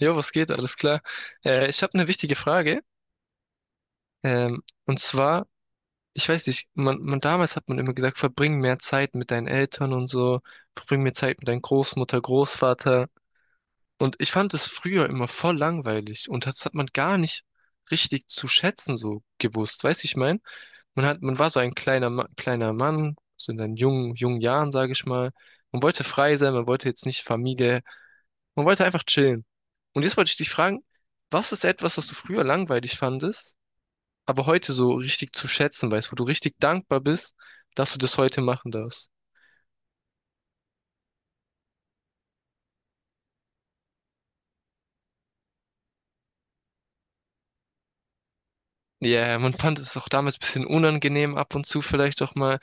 Jo, was geht? Alles klar. Ich habe eine wichtige Frage. Und zwar, ich weiß nicht, man damals hat man immer gesagt, verbring mehr Zeit mit deinen Eltern und so, verbring mehr Zeit mit deinen Großmutter, Großvater. Und ich fand es früher immer voll langweilig und das hat man gar nicht richtig zu schätzen so gewusst. Weißt du, ich mein, man hat, man war so ein kleiner, Ma kleiner Mann, so in seinen jungen, jungen Jahren, sage ich mal. Man wollte frei sein, man wollte jetzt nicht Familie. Man wollte einfach chillen. Und jetzt wollte ich dich fragen, was ist etwas, was du früher langweilig fandest, aber heute so richtig zu schätzen weißt, wo du richtig dankbar bist, dass du das heute machen darfst? Ja, yeah, man fand es auch damals ein bisschen unangenehm ab und zu vielleicht auch mal.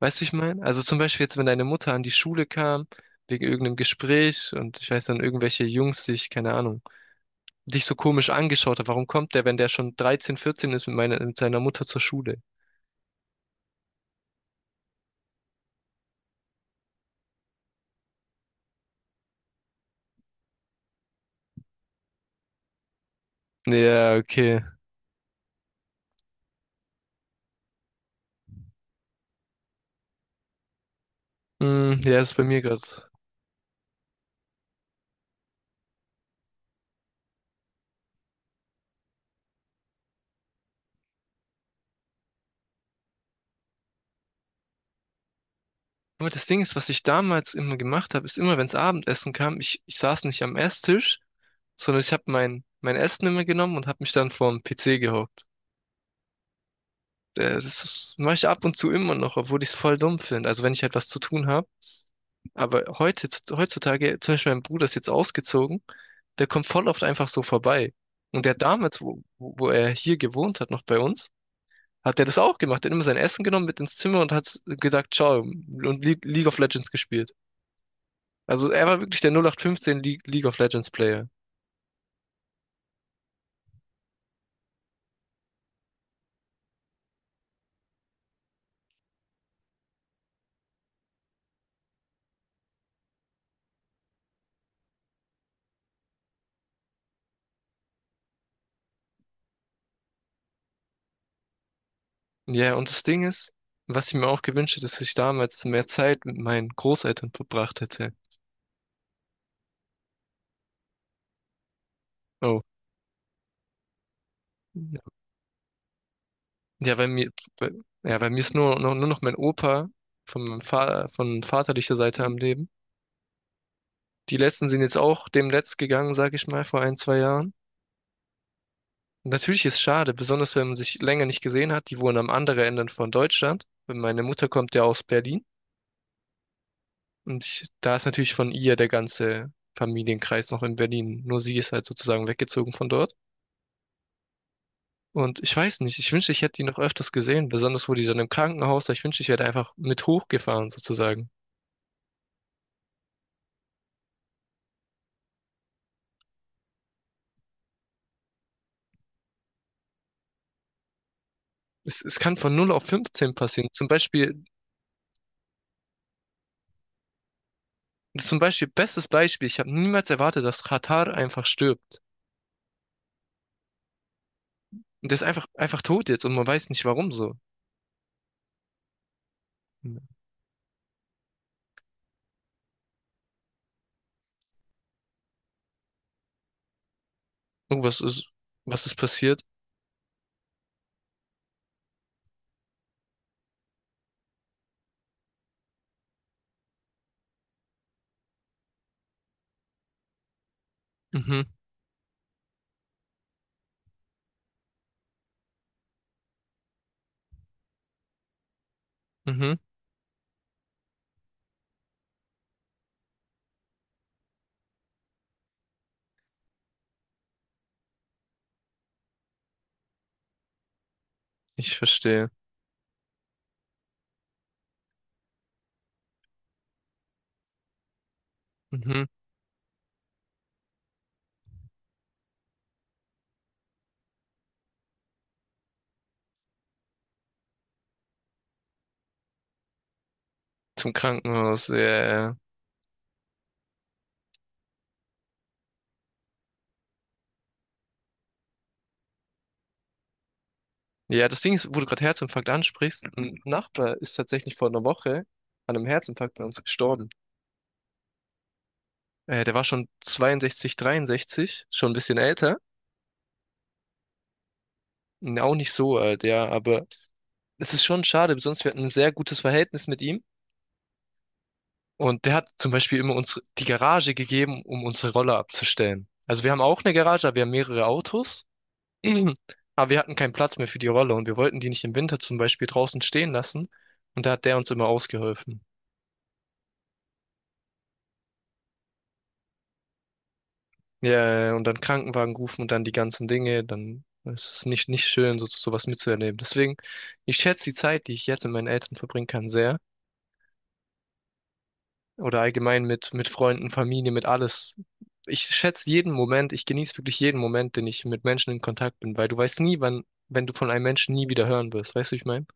Weißt du, ich meine? Also zum Beispiel jetzt, wenn deine Mutter an die Schule kam, wegen irgendeinem Gespräch und ich weiß dann, irgendwelche Jungs dich, keine Ahnung, dich so komisch angeschaut hat. Warum kommt der, wenn der schon 13, 14 ist mit meiner, mit seiner Mutter zur Schule? Ja, okay. Hm, ja, ist bei mir gerade. Nur das Ding ist, was ich damals immer gemacht habe, ist immer, wenn es Abendessen kam, ich saß nicht am Esstisch, sondern ich habe mein Essen immer genommen und habe mich dann vorm PC gehockt. Das mache ich ab und zu immer noch, obwohl ich es voll dumm finde. Also wenn ich halt was zu tun habe. Aber heute, heutzutage, zum Beispiel mein Bruder ist jetzt ausgezogen, der kommt voll oft einfach so vorbei. Und der damals, wo er hier gewohnt hat, noch bei uns, hat der das auch gemacht. Der hat immer sein Essen genommen mit ins Zimmer und hat gesagt, ciao, und Le League of Legends gespielt. Also er war wirklich der 0815 Le League of Legends Player. Ja, und das Ding ist, was ich mir auch gewünscht hätte, dass ich damals mehr Zeit mit meinen Großeltern verbracht hätte. Oh. Ja, ja, bei, ja, weil mir ist nur noch mein Opa von, meinem Fa von vaterlicher Seite am Leben. Die letzten sind jetzt auch demnächst gegangen, sage ich mal, vor ein, zwei Jahren. Natürlich ist schade, besonders wenn man sich länger nicht gesehen hat. Die wohnen am anderen Ende von Deutschland. Meine Mutter kommt ja aus Berlin. Und ich, da ist natürlich von ihr der ganze Familienkreis noch in Berlin. Nur sie ist halt sozusagen weggezogen von dort. Und ich weiß nicht, ich wünschte, ich hätte die noch öfters gesehen, besonders wo die dann im Krankenhaus war. Ich wünschte, ich wäre da einfach mit hochgefahren sozusagen. Es kann von null auf fünfzehn passieren. Zum Beispiel, bestes Beispiel, ich habe niemals erwartet, dass Katar einfach stirbt. Und der ist einfach tot jetzt und man weiß nicht warum so. Irgendwas ist, was ist passiert? Mhm, mhm, ich verstehe. Mhm. Zum Krankenhaus, ja, ja, ja. Ja, das Ding ist, wo du gerade Herzinfarkt ansprichst, ein Nachbar ist tatsächlich vor einer Woche an einem Herzinfarkt bei uns gestorben. Der war schon 62, 63, schon ein bisschen älter. Auch nicht so alt, ja, aber es ist schon schade, sonst wir hatten ein sehr gutes Verhältnis mit ihm. Und der hat zum Beispiel immer uns die Garage gegeben, um unsere Roller abzustellen. Also wir haben auch eine Garage, aber wir haben mehrere Autos. Aber wir hatten keinen Platz mehr für die Roller und wir wollten die nicht im Winter zum Beispiel draußen stehen lassen. Und da hat der uns immer ausgeholfen. Ja, ja, ja, und dann Krankenwagen rufen und dann die ganzen Dinge, dann ist es nicht schön, so, sowas mitzuerleben. Deswegen, ich schätze die Zeit, die ich jetzt mit meinen Eltern verbringen kann, sehr. Oder allgemein mit Freunden, Familie, mit alles. Ich schätze jeden Moment, ich genieße wirklich jeden Moment, den ich mit Menschen in Kontakt bin, weil du weißt nie, wann, wenn du von einem Menschen nie wieder hören wirst. Weißt du, wie ich meine?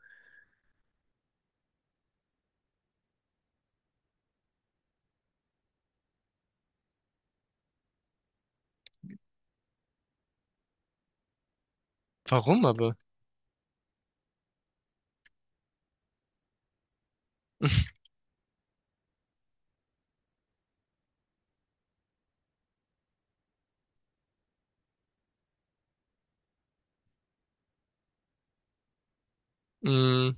Warum aber? Mm,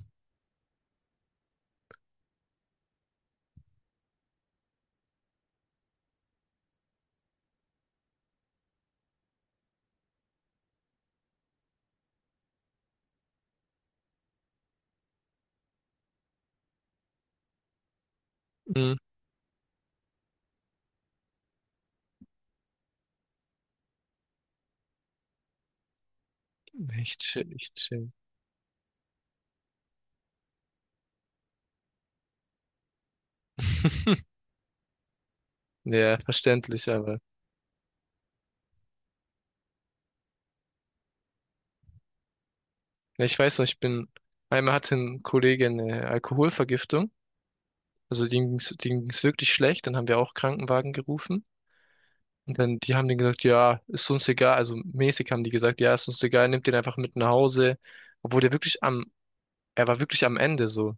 mm, ich chill, ich chill. Ja, verständlich, aber. Ja, ich weiß noch, einmal hatte ein Kollege eine Alkoholvergiftung. Also denen ging's wirklich schlecht. Dann haben wir auch Krankenwagen gerufen. Und dann, die haben denen gesagt, ja, ist uns egal. Also mäßig haben die gesagt, ja, ist uns egal, nimmt den einfach mit nach Hause. Obwohl der wirklich am, er war wirklich am Ende so.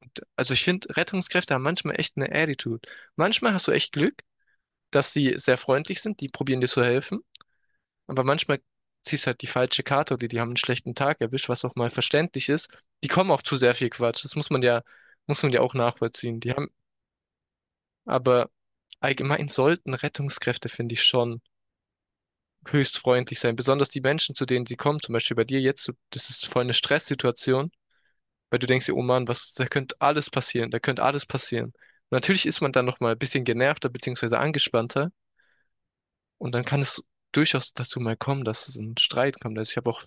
Und, also ich finde, Rettungskräfte haben manchmal echt eine Attitude. Manchmal hast du echt Glück, dass sie sehr freundlich sind, die probieren dir zu helfen. Aber manchmal ziehst halt die falsche Karte oder die haben einen schlechten Tag erwischt, was auch mal verständlich ist. Die kommen auch zu sehr viel Quatsch. Das muss man ja auch nachvollziehen. Die haben, aber allgemein sollten Rettungskräfte, finde ich, schon höchst freundlich sein. Besonders die Menschen, zu denen sie kommen, zum Beispiel bei dir jetzt, das ist voll eine Stresssituation, weil du denkst dir, oh Mann, was, da könnte alles passieren, da könnte alles passieren. Und natürlich ist man dann noch mal ein bisschen genervter beziehungsweise angespannter und dann kann es durchaus dazu mal kommen, dass es einen Streit kommt. Also ich habe auch.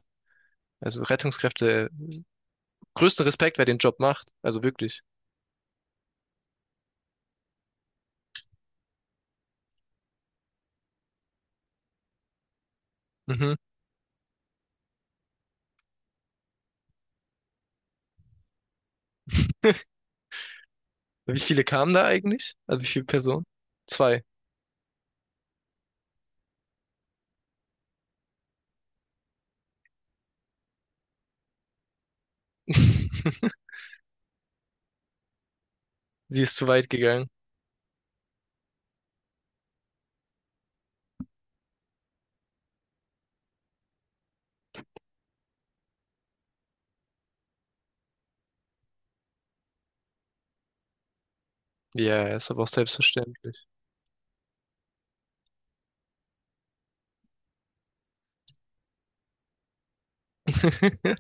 Also Rettungskräfte, größten Respekt, wer den Job macht. Also wirklich. Mhm. Wie viele kamen da eigentlich? Also wie viele Personen? Zwei. Sie ist zu weit gegangen. Ja, ist aber auch selbstverständlich.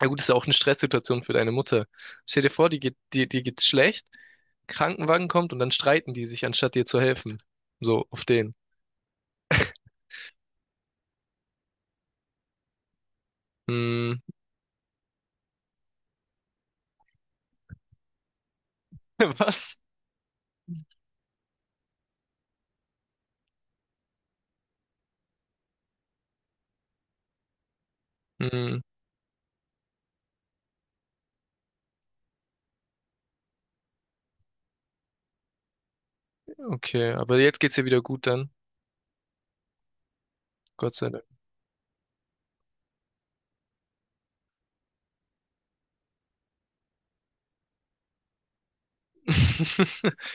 Na gut, ist ja auch eine Stresssituation für deine Mutter. Stell dir vor, die geht's schlecht, Krankenwagen kommt und dann streiten die sich, anstatt dir zu helfen. So, auf den. Hm, was? Hm, okay, aber jetzt geht's ihr wieder gut dann. Gott sei Dank.